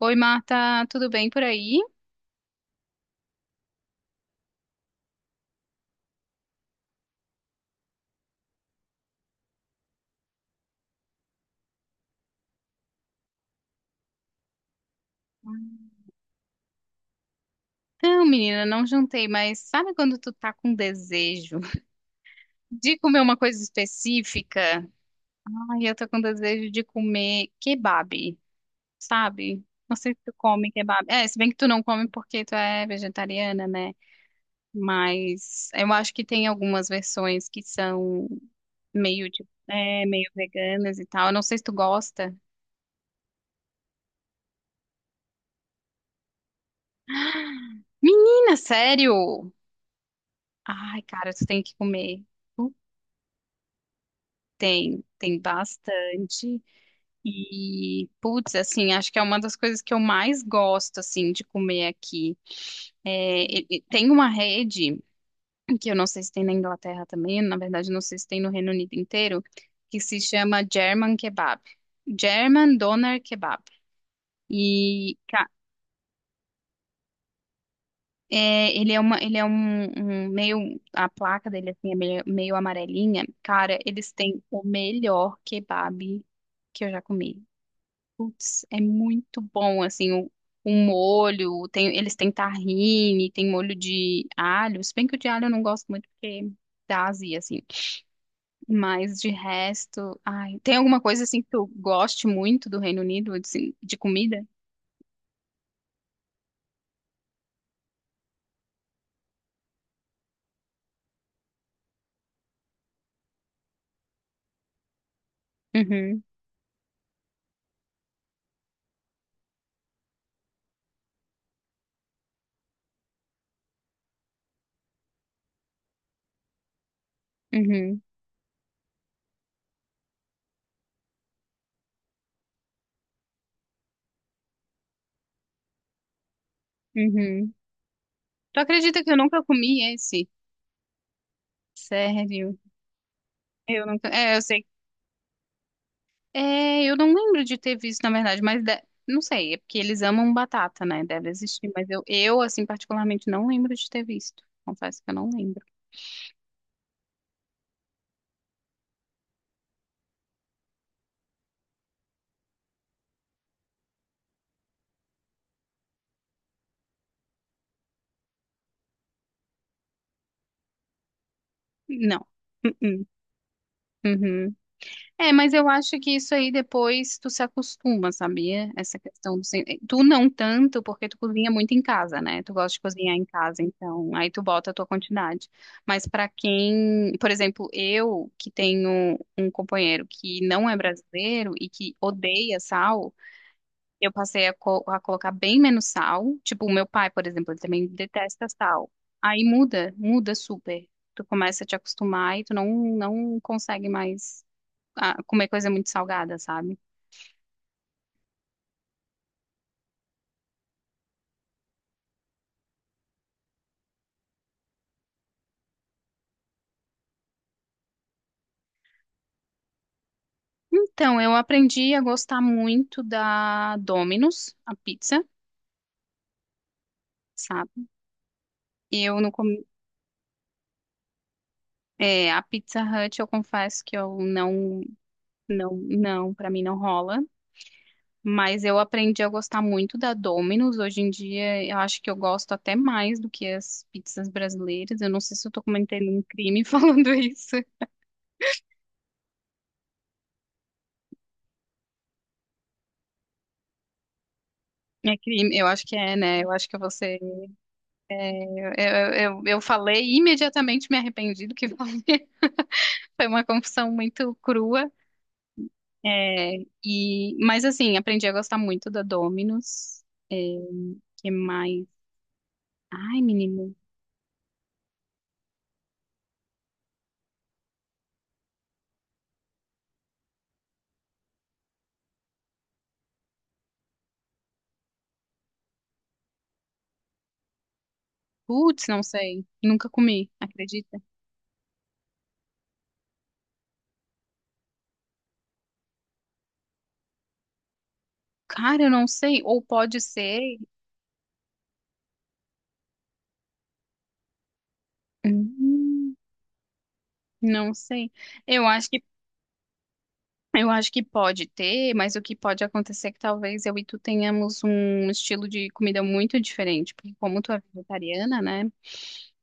Oi, Marta, tudo bem por aí? Não, menina, não jantei, mas sabe quando tu tá com desejo de comer uma coisa específica? Ai, eu tô com desejo de comer kebab, sabe? Não sei se tu come kebab. É, se bem que tu não come porque tu é vegetariana, né? Mas eu acho que tem algumas versões que são meio, tipo, meio veganas e tal. Eu não sei se tu gosta. Menina, sério? Ai, cara, tu tem que comer. Tem bastante. E, putz, assim, acho que é uma das coisas que eu mais gosto, assim, de comer aqui. É, e tem uma rede, que eu não sei se tem na Inglaterra também, na verdade, não sei se tem no Reino Unido inteiro, que se chama German Kebab. German Doner Kebab. E ca- é, ele é uma, ele é um, um meio, a placa dele, assim, é meio amarelinha. Cara, eles têm o melhor kebab que eu já comi. Putz, é muito bom, assim, o molho, eles têm tahine, tem molho de alho, se bem que o de alho eu não gosto muito porque dá azia, assim, mas de resto, ai, tem alguma coisa, assim, que tu goste muito do Reino Unido, assim, de comida? Uhum, uhum, uhum. Tu acredita que eu nunca comi esse? Sério? Eu nunca, eu sei. É, eu não lembro de ter visto, na verdade, não sei, é porque eles amam batata, né? Deve existir, mas eu, assim, particularmente não lembro de ter visto. Confesso que eu não lembro. Não. Uh-uh. Uhum. É, mas eu acho que isso aí depois tu se acostuma, sabia? Essa questão do tu não tanto, porque tu cozinha muito em casa, né? Tu gosta de cozinhar em casa, então aí tu bota a tua quantidade. Mas pra quem, por exemplo, eu que tenho um companheiro que não é brasileiro e que odeia sal, eu passei a, a colocar bem menos sal. Tipo, o meu pai, por exemplo, ele também detesta sal. Aí muda, muda super. Tu começa a te acostumar e tu não consegue mais comer coisa muito salgada, sabe? Então, eu aprendi a gostar muito da Domino's, a pizza, sabe? Eu não comi... É, a Pizza Hut, eu confesso que eu não, pra mim não rola. Mas eu aprendi a gostar muito da Domino's. Hoje em dia, eu acho que eu gosto até mais do que as pizzas brasileiras. Eu não sei se eu tô cometendo um crime falando isso. É crime, eu acho que é, né? Eu acho que você. Eu falei e imediatamente me arrependi do que falei. Foi uma confusão muito crua. É, e, mas assim, aprendi a gostar muito da Domino's. É, que mais? Ai, menino. Putz, não sei. Nunca comi, acredita? Cara, eu não sei. Ou pode ser. Hum, não sei. Eu acho que eu acho que pode ter, mas o que pode acontecer é que talvez eu e tu tenhamos um estilo de comida muito diferente, porque como tu é vegetariana, né?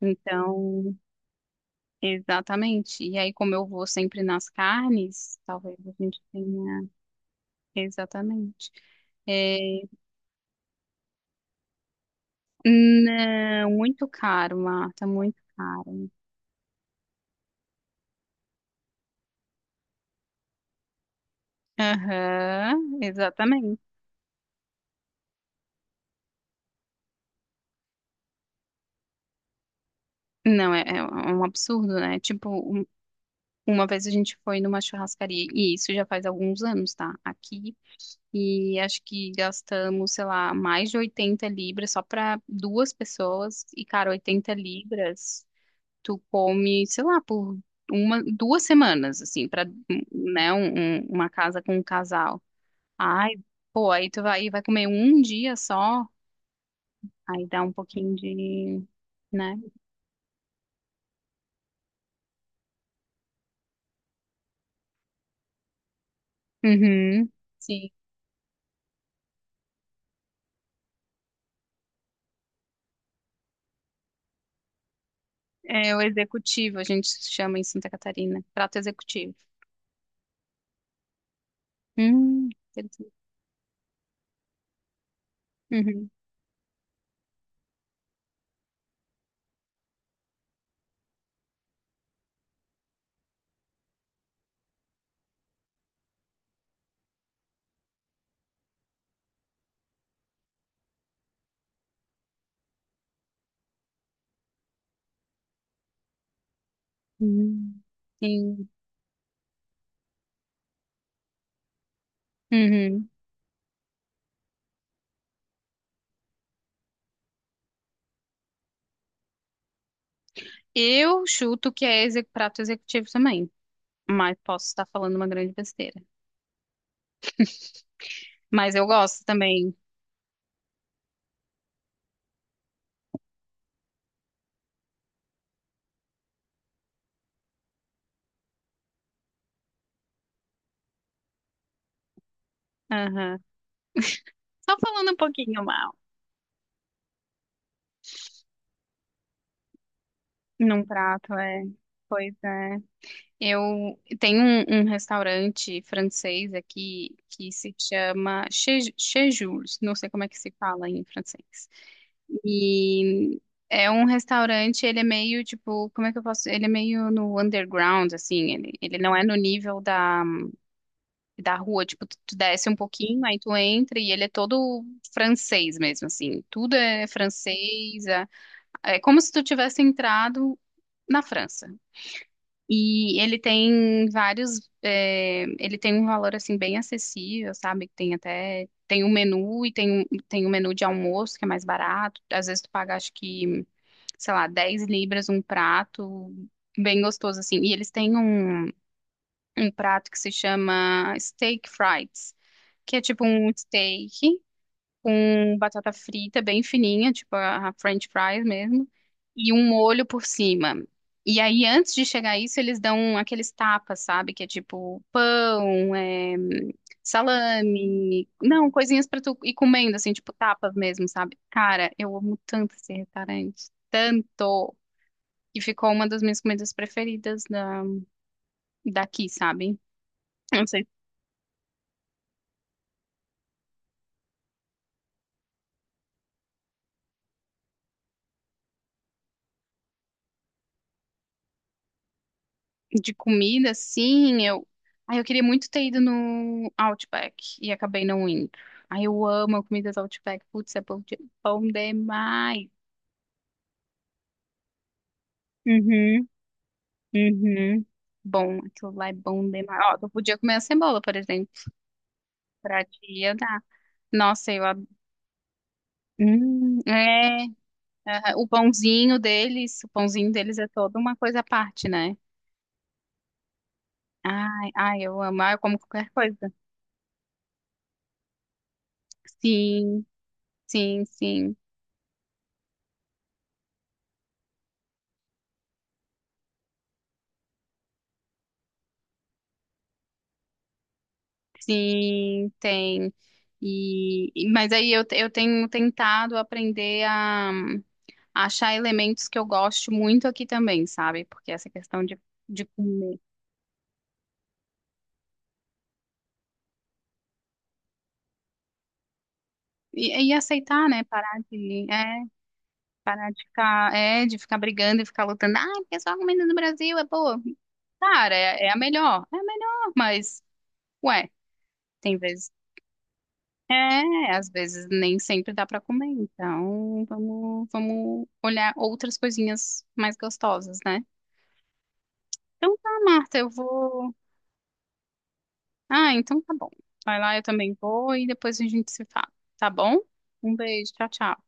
Então, exatamente. E aí, como eu vou sempre nas carnes, talvez a gente tenha exatamente. É, não, muito caro, Marta, muito caro. Aham, exatamente. Não, é um absurdo, né? Tipo, uma vez a gente foi numa churrascaria, e isso já faz alguns anos, tá? Aqui, e acho que gastamos, sei lá, mais de 80 libras só para 2 pessoas. E, cara, 80 libras, tu come, sei lá, por uma, duas semanas, assim, para, né, uma casa com um casal. Ai, pô, aí tu vai, comer um dia só, aí dá um pouquinho de, né? Uhum. Sim. É o executivo, a gente chama em Santa Catarina, prato executivo. Hum, interessante. Uhum. Hum, sim. Uhum. Eu chuto que é prato executivo também, mas posso estar falando uma grande besteira. Mas eu gosto também. Aham. Só falando um pouquinho mal. Num prato, é. Pois é. Eu tenho um, um restaurante francês aqui que se chama Chez Jules. Não sei como é que se fala em francês. E é um restaurante, ele é meio tipo, como é que eu posso? Ele é meio no underground, assim, ele não é no nível da rua, tipo, tu desce um pouquinho, aí tu entra e ele é todo francês mesmo, assim, tudo é francês, é como se tu tivesse entrado na França. E ele tem ele tem um valor, assim, bem acessível, sabe? Que tem um menu e tem um menu de almoço que é mais barato, às vezes tu paga, acho que sei lá, 10 libras um prato bem gostoso assim. E eles têm um prato que se chama steak fries, que é tipo um steak com batata frita bem fininha, tipo a French fries mesmo, e um molho por cima. E aí, antes de chegar isso, eles dão aqueles tapas, sabe? Que é tipo pão, salame, não, coisinhas pra tu ir comendo, assim, tipo tapas mesmo, sabe? Cara, eu amo tanto esse restaurante, tanto. E ficou uma das minhas comidas preferidas daqui, sabe? Não sei, de comida, sim, eu... eu queria muito ter ido no Outback e acabei não indo. Ai, eu amo a comida do Outback. Putz, é bom, bom demais. Uhum, uhum. Bom, aquilo lá é bom demais. Ó, tu podia comer a cebola, por exemplo, pra te dar. Nossa, eu adoro. É, aham, o pãozinho deles é toda uma coisa à parte, né? Ai, ai, eu amo. Ah, eu como qualquer coisa. Sim, sim, sim, sim, tem. Mas aí eu tenho tentado aprender a achar elementos que eu gosto muito aqui também, sabe? Porque essa questão de comer. E aceitar, né? Parar de de ficar brigando e ficar lutando. Ah, porque só a comida do Brasil é boa. Cara, é a melhor. É a melhor, mas, ué, tem vezes. É, às vezes nem sempre dá para comer, então vamos, vamos olhar outras coisinhas mais gostosas, né? Então tá, Marta, eu vou. Ah, então tá bom. Vai lá, eu também vou e depois a gente se fala, tá bom? Um beijo, tchau, tchau.